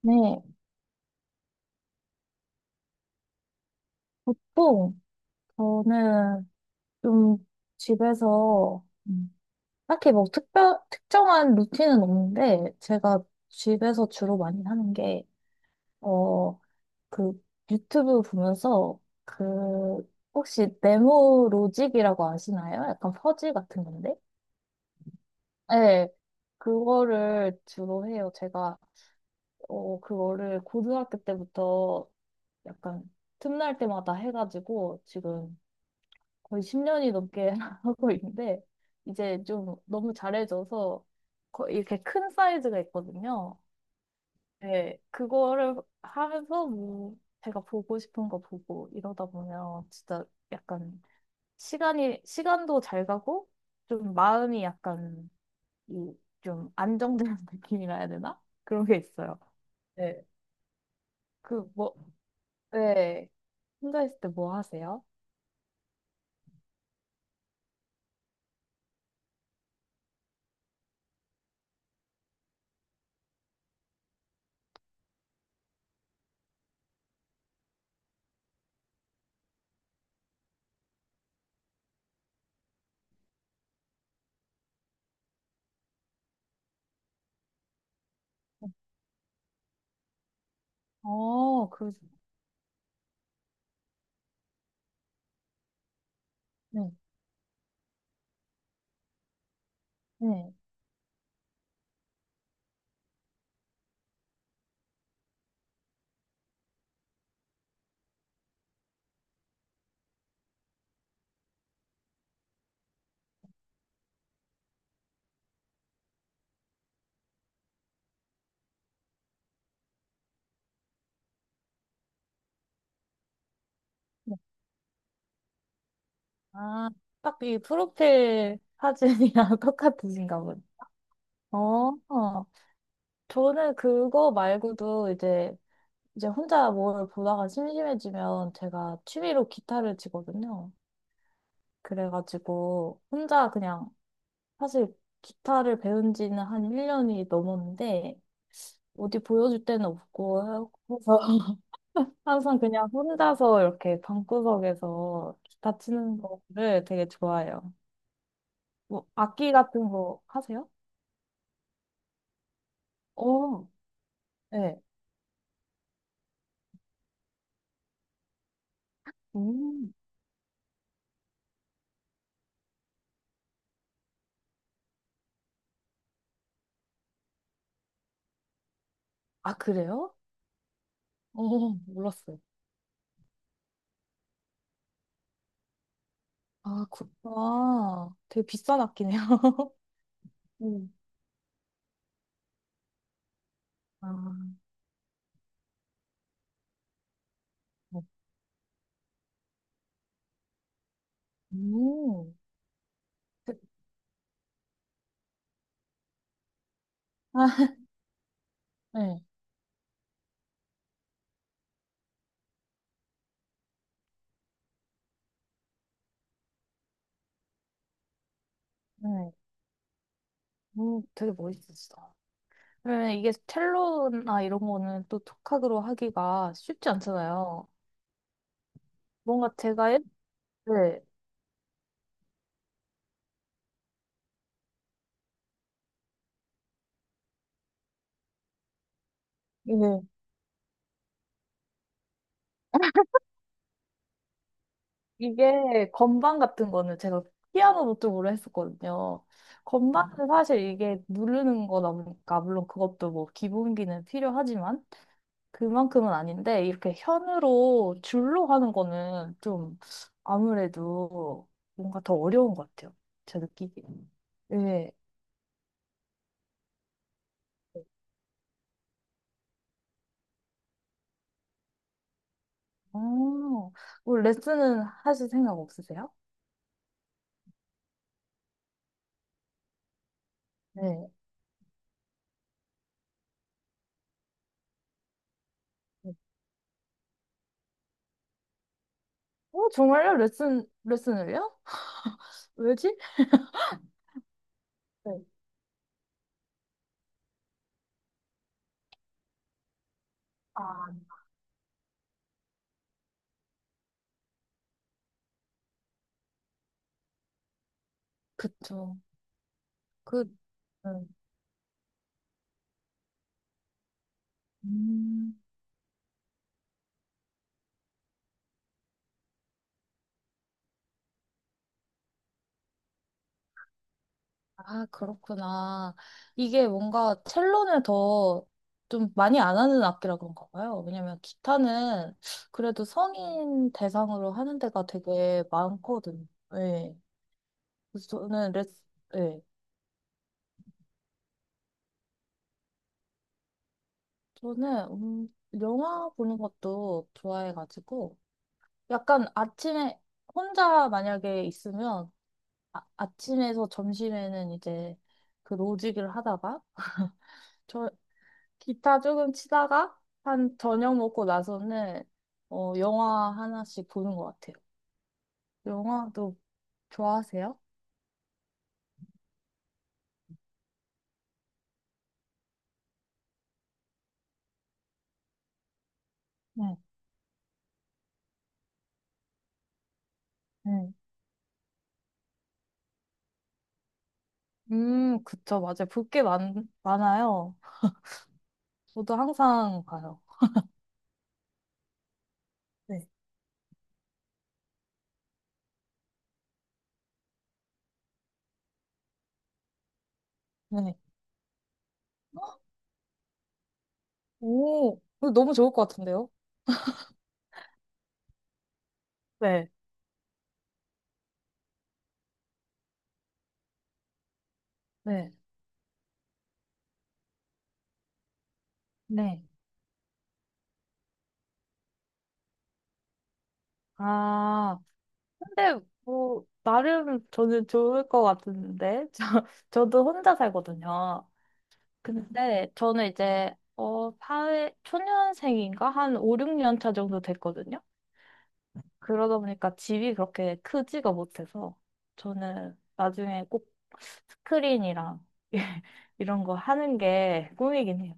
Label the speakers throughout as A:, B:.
A: 네, 보통 저는 좀 집에서 딱히 뭐 특정한 루틴은 없는데 제가 집에서 주로 많이 하는 게, 어, 그 유튜브 보면서 그 혹시 네모 로직이라고 아시나요? 약간 퍼즐 같은 건데? 네, 그거를 주로 해요. 제가 어, 그거를 고등학교 때부터 약간 틈날 때마다 해가지고 지금 거의 10년이 넘게 하고 있는데 이제 좀 너무 잘해져서 이렇게 큰 사이즈가 있거든요. 네, 그거를 하면서 뭐 제가 보고 싶은 거 보고 이러다 보면 진짜 약간 시간이 시간도 잘 가고 좀 마음이 약간 이 좀 안정되는 느낌이라 해야 되나? 그런 게 있어요. 네, 그 뭐, 네, 혼자 있을 때 뭐 하세요? 어, 그, 네, 네. 아, 딱 이 프로필 사진이랑 똑같으신가 보네. 어, 어. 저는 그거 말고도 이제 혼자 뭘 보다가 심심해지면 제가 취미로 기타를 치거든요. 그래가지고 혼자 그냥 사실 기타를 배운 지는 한 1년이 넘었는데 어디 보여줄 데는 없고 해서 항상 그냥 혼자서 이렇게 방구석에서 기타 치는 거를 되게 좋아해요. 뭐 악기 같은 거 하세요? 어, 네. 음. 아, 그래요? 어, 몰랐어요. 아, 되게 비싼 악기네요. 음. 아, 네. 음. 그- 아, 네, 네. 되게 멋있었어. 그러면 이게 첼로나 이런 거는 또 톡학으로 하기가 쉽지 않잖아요. 뭔가 제가, 네. 네. 이게 건반 같은 거는 제가 피아노 노트북으로 했었거든요. 건반은 사실 이게 누르는 거다 보니까 물론 그것도 뭐 기본기는 필요하지만 그만큼은 아닌데 이렇게 현으로 줄로 하는 거는 좀 아무래도 뭔가 더 어려운 것 같아요. 제 느끼기에. 네. 어, 뭐 레슨은 하실 생각 없으세요? 네. 어, 정말요? 레슨을요? 왜지? 네. 아, 그쵸. 그, 네. 음. 아, 그렇구나. 이게 뭔가 첼로는 더 좀 많이 안 하는 악기라 그런가 봐요. 왜냐면 기타는 그래도 성인 대상으로 하는 데가 되게 많거든요. 예. 그래서 저는 예. 저는, 영화 보는 것도 좋아해가지고 약간 아침에 혼자 만약에 있으면 아침에서 점심에는 이제 그 로직을 하다가 저 기타 조금 치다가 한 저녁 먹고 나서는 어, 영화 하나씩 보는 것 같아요. 영화도 좋아하세요? 네, 네, 그쵸, 맞아요. 볼 게 많아요. 저도 항상 봐요. 네. 네, 오, 이거 너무 좋을 것 같은데요? 네, 네. 네. 아, 근데 뭐, 나름 저는 좋을 것 같은데. 저도 혼자 살거든요. 근데 저는 이제 어, 사회 초년생인가 한 5, 6년 차 정도 됐거든요. 그러다 보니까 집이 그렇게 크지가 못해서 저는 나중에 꼭 스크린이랑 이런 거 하는 게 꿈이긴 해요.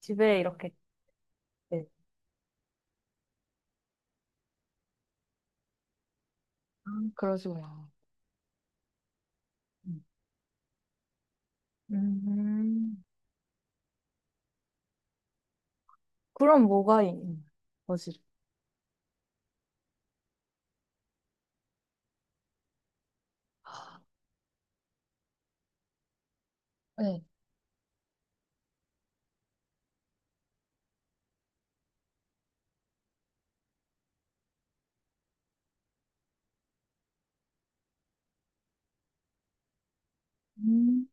A: 집에 이렇게. 네. 아, 그러시구나. 음, 음. 그럼 뭐가 있는 거지? 아, 네. 음.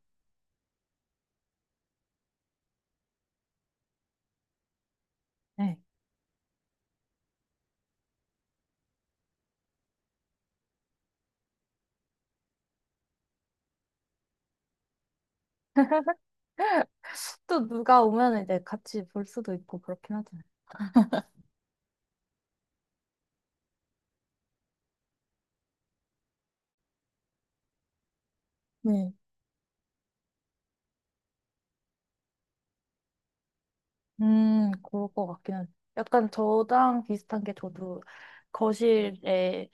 A: 네. 또 누가 오면 이제 같이 볼 수도 있고 그렇긴 하잖아요. 그럴 것 같긴 한. 약간 저랑 비슷한 게 저도 거실에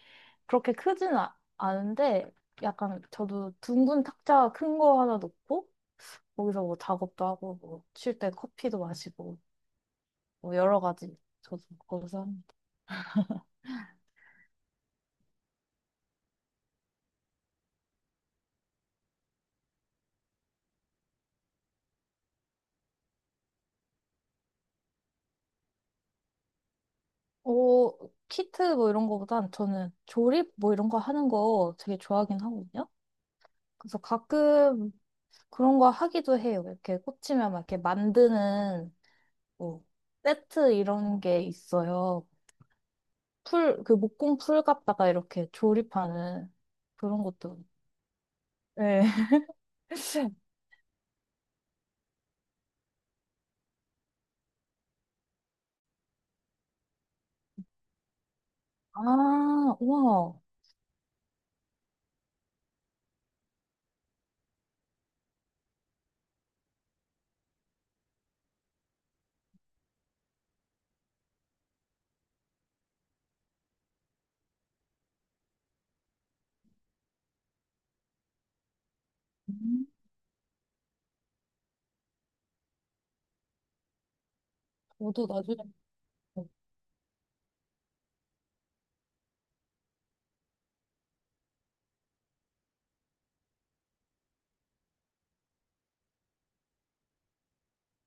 A: 그렇게 크진 않은데 약간 저도 둥근 탁자 큰 거 하나 놓고 거기서 뭐 작업도 하고 뭐 쉴 때 커피도 마시고 뭐 여러 가지 저도 거기서 합니다. 어, 키트 뭐 이런 거보단 저는 조립 뭐 이런 거 하는 거 되게 좋아하긴 하거든요. 그래서 가끔 그런 거 하기도 해요. 이렇게 꽂히면 막 이렇게 만드는 뭐 세트 이런 게 있어요. 그 목공 풀 갖다가 이렇게 조립하는 그런 것도. 네. 아, 우와. 음, 저도 나중에,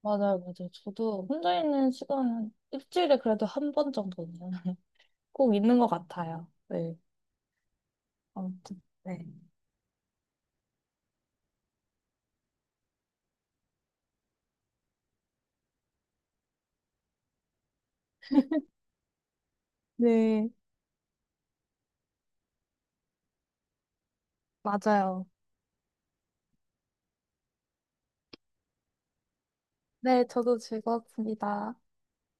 A: 맞아요, 맞아요. 저도 혼자 있는 시간은 일주일에 그래도 한 번 정도는 꼭 있는 것 같아요. 네. 아무튼, 네. 네, 맞아요. 네, 저도 즐거웠습니다.